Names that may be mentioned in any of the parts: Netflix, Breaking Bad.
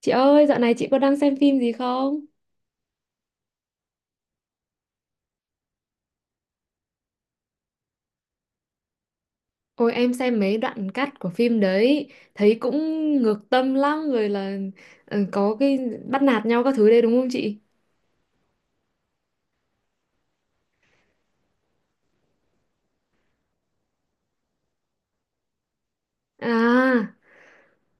Chị ơi, dạo này chị có đang xem phim gì không? Ôi em xem mấy đoạn cắt của phim đấy, thấy cũng ngược tâm lắm rồi là có cái bắt nạt nhau các thứ đấy đúng không chị? À,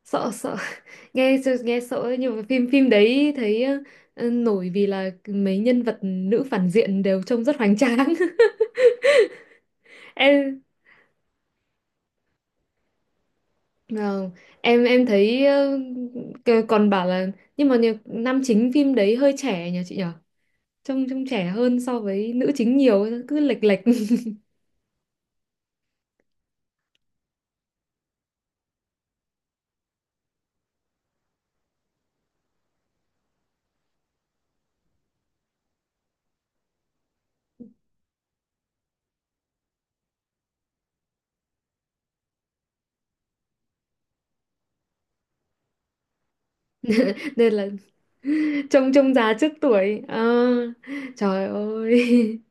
sợ sợ nghe nghe sợ ấy, nhưng mà phim phim đấy thấy nổi vì là mấy nhân vật nữ phản diện đều trông rất hoành tráng. Em vâng, em thấy còn bảo là nhưng mà nam chính phim đấy hơi trẻ nhỉ chị nhỉ? Trông trông trẻ hơn so với nữ chính nhiều, cứ lệch lệch. Nên là trông trông già trước tuổi. Ờ, trời ơi.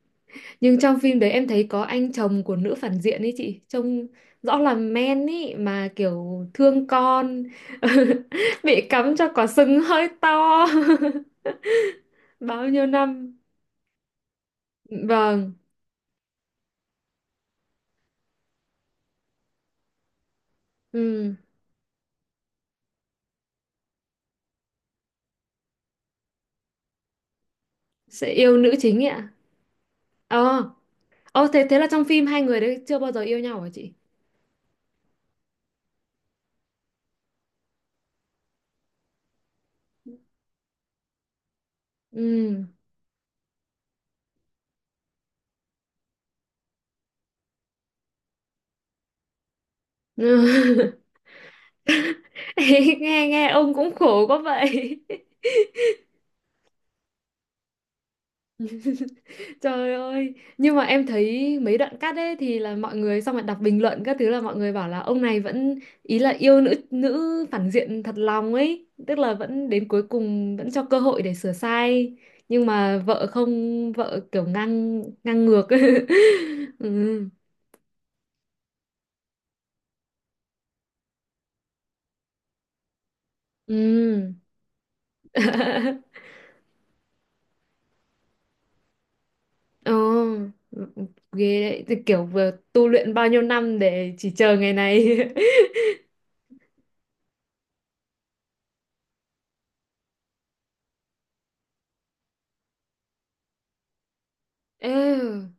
Nhưng trong phim đấy em thấy có anh chồng của nữ phản diện ấy chị, trông rõ là men ấy mà kiểu thương con. Bị cắm cho quả sừng hơi to bao nhiêu năm. Vâng. Ừ, sẽ yêu nữ chính ấy ạ. Ờ, ờ, thế thế là trong phim hai người đấy chưa bao giờ yêu nhau hả chị? Ừ. nghe nghe ông cũng khổ quá vậy. Trời ơi, nhưng mà em thấy mấy đoạn cắt ấy thì là mọi người xong rồi đọc bình luận các thứ, là mọi người bảo là ông này vẫn, ý là yêu nữ nữ phản diện thật lòng ấy, tức là vẫn đến cuối cùng vẫn cho cơ hội để sửa sai, nhưng mà vợ không, vợ kiểu ngang, ngang ngược. Ừ. Ừ. Ồ, ghê đấy, thì kiểu vừa tu luyện bao nhiêu năm để chỉ chờ ngày này. Ê,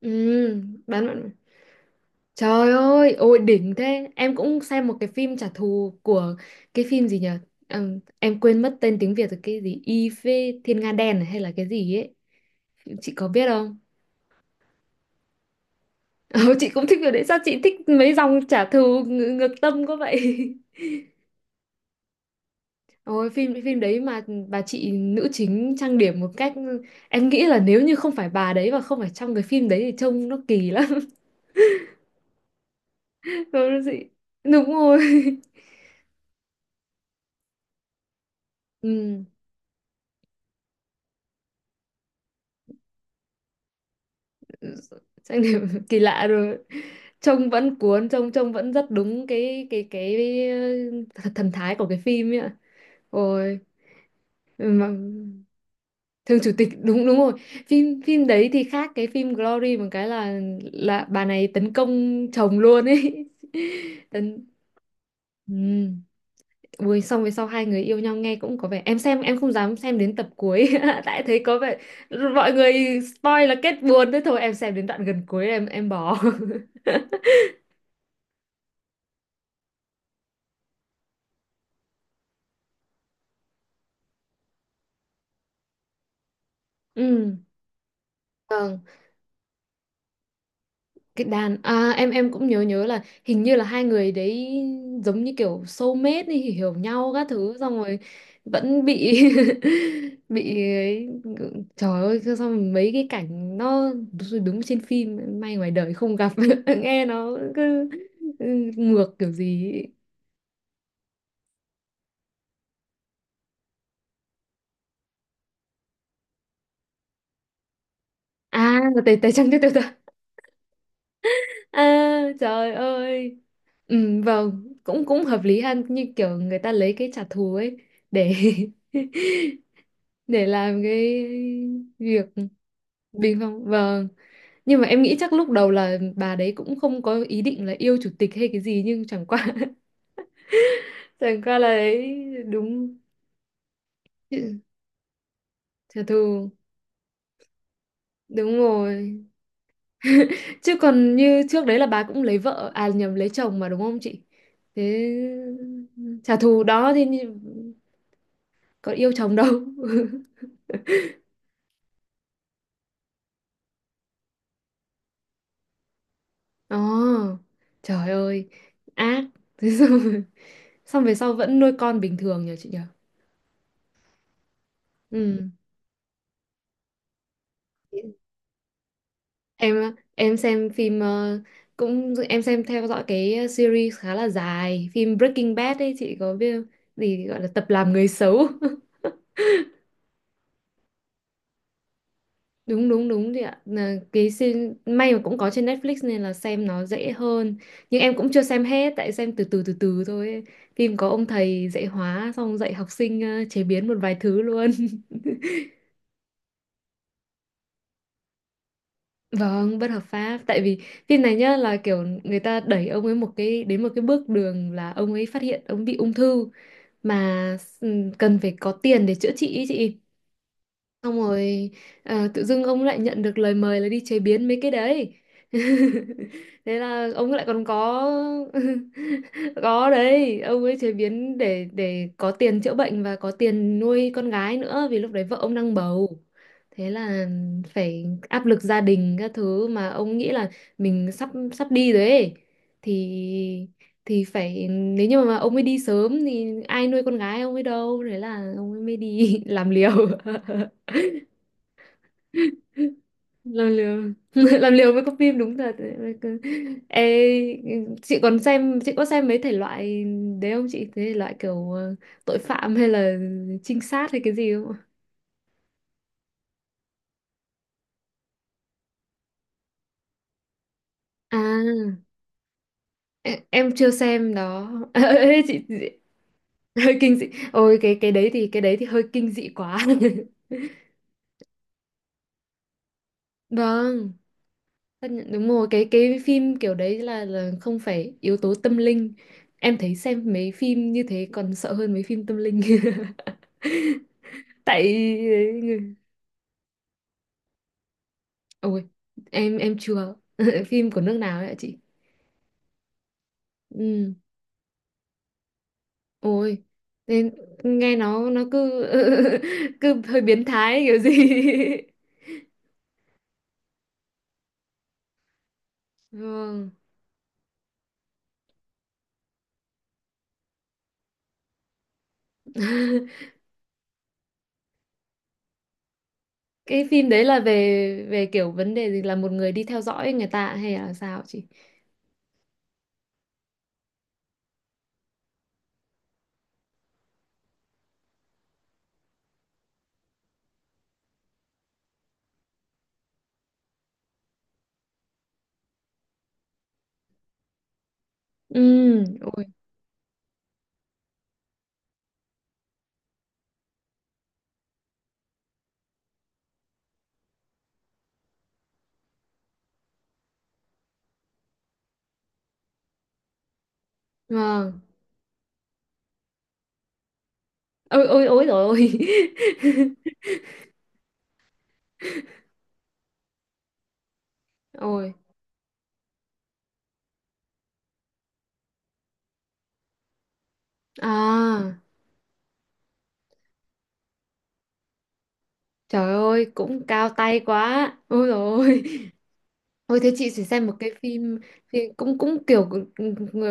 ừ, bán bạn. Trời ơi, ôi đỉnh thế. Em cũng xem một cái phim trả thù của cái phim gì nhỉ. Em quên mất tên tiếng Việt rồi, cái gì y phê thiên nga đen à, hay là cái gì ấy, chị có biết không? Ờ, chị cũng thích phim đấy. Sao chị thích mấy dòng trả thù ng ngược tâm có vậy. Ôi phim phim đấy mà bà chị nữ chính trang điểm một cách, em nghĩ là nếu như không phải bà đấy và không phải trong cái phim đấy thì trông nó kỳ lắm. Đúng rồi, đúng rồi. Ừ. Chắc là kỳ lạ rồi. Trông vẫn cuốn, trông trông vẫn rất đúng cái cái thần thái của cái phim ấy ạ. Ôi mà Thường chủ tịch, đúng đúng rồi. Phim phim đấy thì khác cái phim Glory một cái là bà này tấn công chồng luôn ấy. Tấn ừ. Ui, xong về sau hai người yêu nhau, nghe cũng có vẻ. Em xem em không dám xem đến tập cuối tại thấy có vẻ mọi người spoil là kết buồn, thế thôi em xem đến đoạn gần cuối em bỏ. Ừ, vâng, cái đàn à, em cũng nhớ nhớ là hình như là hai người đấy giống như kiểu soulmate đi, hiểu nhau các thứ xong rồi vẫn bị bị ấy. Trời ơi, sao sao mình mấy cái cảnh nó đúng, đúng trên phim, may ngoài đời không gặp. Nghe nó cứ ừ, ngược kiểu gì ấy. À, tay tay trắng, tay tay tay. À, trời ơi. Ừ, vâng, cũng cũng hợp lý ha, như kiểu người ta lấy cái trả thù ấy để để làm cái việc bình phong. Vâng, nhưng mà em nghĩ chắc lúc đầu là bà đấy cũng không có ý định là yêu chủ tịch hay cái gì, nhưng chẳng qua chẳng qua là đấy đúng. chứ- trả thù, đúng rồi. Chứ còn như trước đấy là bà cũng lấy vợ, à nhầm, lấy chồng mà đúng không chị? Thế trả thù đó thì có yêu chồng đâu. Ồ, trời ơi, ác. Thế xong, xong về sau vẫn nuôi con bình thường nhờ chị nhờ. Ừ. em em xem phim cũng em xem theo dõi cái series khá là dài, phim Breaking Bad ấy chị có biết không? Gì gọi là tập làm người xấu. Đúng đúng đúng chị ạ, là cái series, may mà cũng có trên Netflix nên là xem nó dễ hơn, nhưng em cũng chưa xem hết tại xem từ từ thôi ấy. Phim có ông thầy dạy hóa xong dạy học sinh chế biến một vài thứ luôn. Vâng, bất hợp pháp, tại vì phim này nhá là kiểu người ta đẩy ông ấy một cái đến một cái bước đường là ông ấy phát hiện ông bị ung thư mà cần phải có tiền để chữa trị ý chị. Xong rồi tự dưng ông lại nhận được lời mời là đi chế biến mấy cái đấy. Thế là ông lại còn có có đấy. Ông ấy chế biến để có tiền chữa bệnh và có tiền nuôi con gái nữa, vì lúc đấy vợ ông đang bầu. Thế là phải áp lực gia đình các thứ mà ông nghĩ là mình sắp sắp đi rồi ấy, thì thì phải, nếu như mà ông ấy đi sớm thì ai nuôi con gái ông ấy đâu, thế là ông ấy mới đi làm liều. Làm liều làm liều với con phim, đúng thật đấy. Ê, chị còn xem, chị có xem mấy thể loại đấy không chị, thế loại kiểu tội phạm hay là trinh sát hay cái gì không ạ? À em chưa xem đó. Ê, chị hơi kinh dị. Ôi cái đấy thì cái đấy thì hơi kinh dị quá. Vâng, tất nhiên- đúng rồi, cái phim kiểu đấy là không phải yếu tố tâm linh. Em thấy xem mấy phim như thế còn sợ hơn mấy phim tâm linh. Tại ừ, ôi em chưa phim của nước nào ấy ạ chị? Ừ, ôi nên nghe nó cứ cứ hơi biến thái kiểu gì. Vâng. Cái phim đấy là về về kiểu vấn đề gì, là một người đi theo dõi người ta hay là sao chị? Ừ, ôi vâng. Ôi ôi ôi rồi ôi. Ôi à, trời ơi, cũng cao tay quá. Ôi rồi. Ôi thế chị phải xem một cái phim, phim cũng cũng kiểu,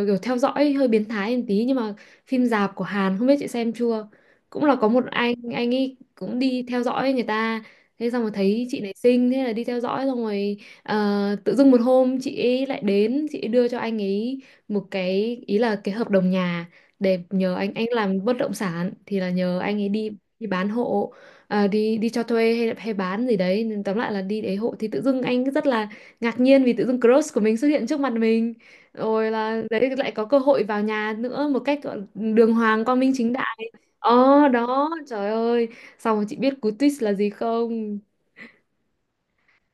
kiểu theo dõi hơi biến thái một tí nhưng mà phim dạp của Hàn không biết chị xem chưa. Cũng là có một anh ấy cũng đi theo dõi người ta. Thế xong rồi thấy chị này xinh thế là đi theo dõi, xong rồi tự dưng một hôm chị ấy lại đến, chị ấy đưa cho anh ấy một cái, ý là cái hợp đồng nhà để nhờ anh làm bất động sản, thì là nhờ anh ấy đi đi bán hộ, đi đi cho thuê hay hay bán gì đấy, nên tóm lại là đi đấy hộ. Thì tự dưng anh rất là ngạc nhiên vì tự dưng crush của mình xuất hiện trước mặt mình, rồi là đấy lại có cơ hội vào nhà nữa một cách gọi là đường hoàng quang minh chính đại. Ờ đó, trời ơi, xong rồi chị biết cú twist là gì không?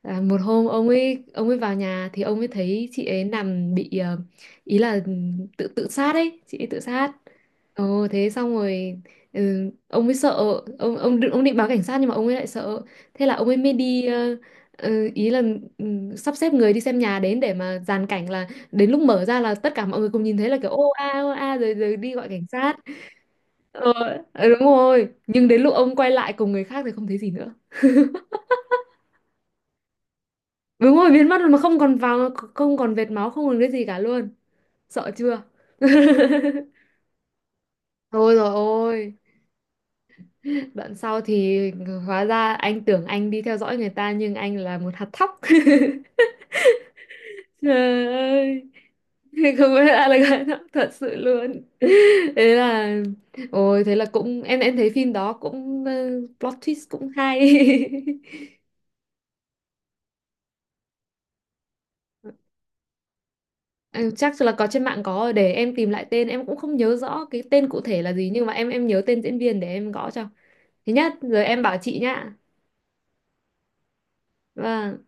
Là một hôm ông ấy vào nhà thì ông ấy thấy chị ấy nằm bị ý là tự tự sát ấy, chị ấy tự sát. Ồ thế xong rồi ừ, ông ấy sợ, ông định báo cảnh sát nhưng mà ông ấy lại sợ, thế là ông ấy mới đi ý là ừ, sắp xếp người đi xem nhà đến để mà dàn cảnh là đến lúc mở ra là tất cả mọi người cùng nhìn thấy là kiểu ô a ô a rồi rồi đi gọi cảnh sát. ờ, đúng rồi, nhưng đến lúc ông quay lại cùng người khác thì không thấy gì nữa. Đúng rồi, biến mất rồi, mà không còn vào, không còn vệt máu, không còn cái gì cả luôn. Sợ chưa. Ôi rồi ôi. Đoạn sau thì ừ, hóa ra anh tưởng anh đi theo dõi người ta nhưng anh là một hạt thóc. Trời ơi, không biết ai là gái thóc thật sự luôn. Thế là ôi thế là cũng em thấy phim đó cũng plot twist cũng hay. Em chắc là có trên mạng có rồi, để em tìm lại tên, em cũng không nhớ rõ cái tên cụ thể là gì nhưng mà em nhớ tên diễn viên để em gõ cho. Thứ nhất rồi em bảo chị nhá. Vâng.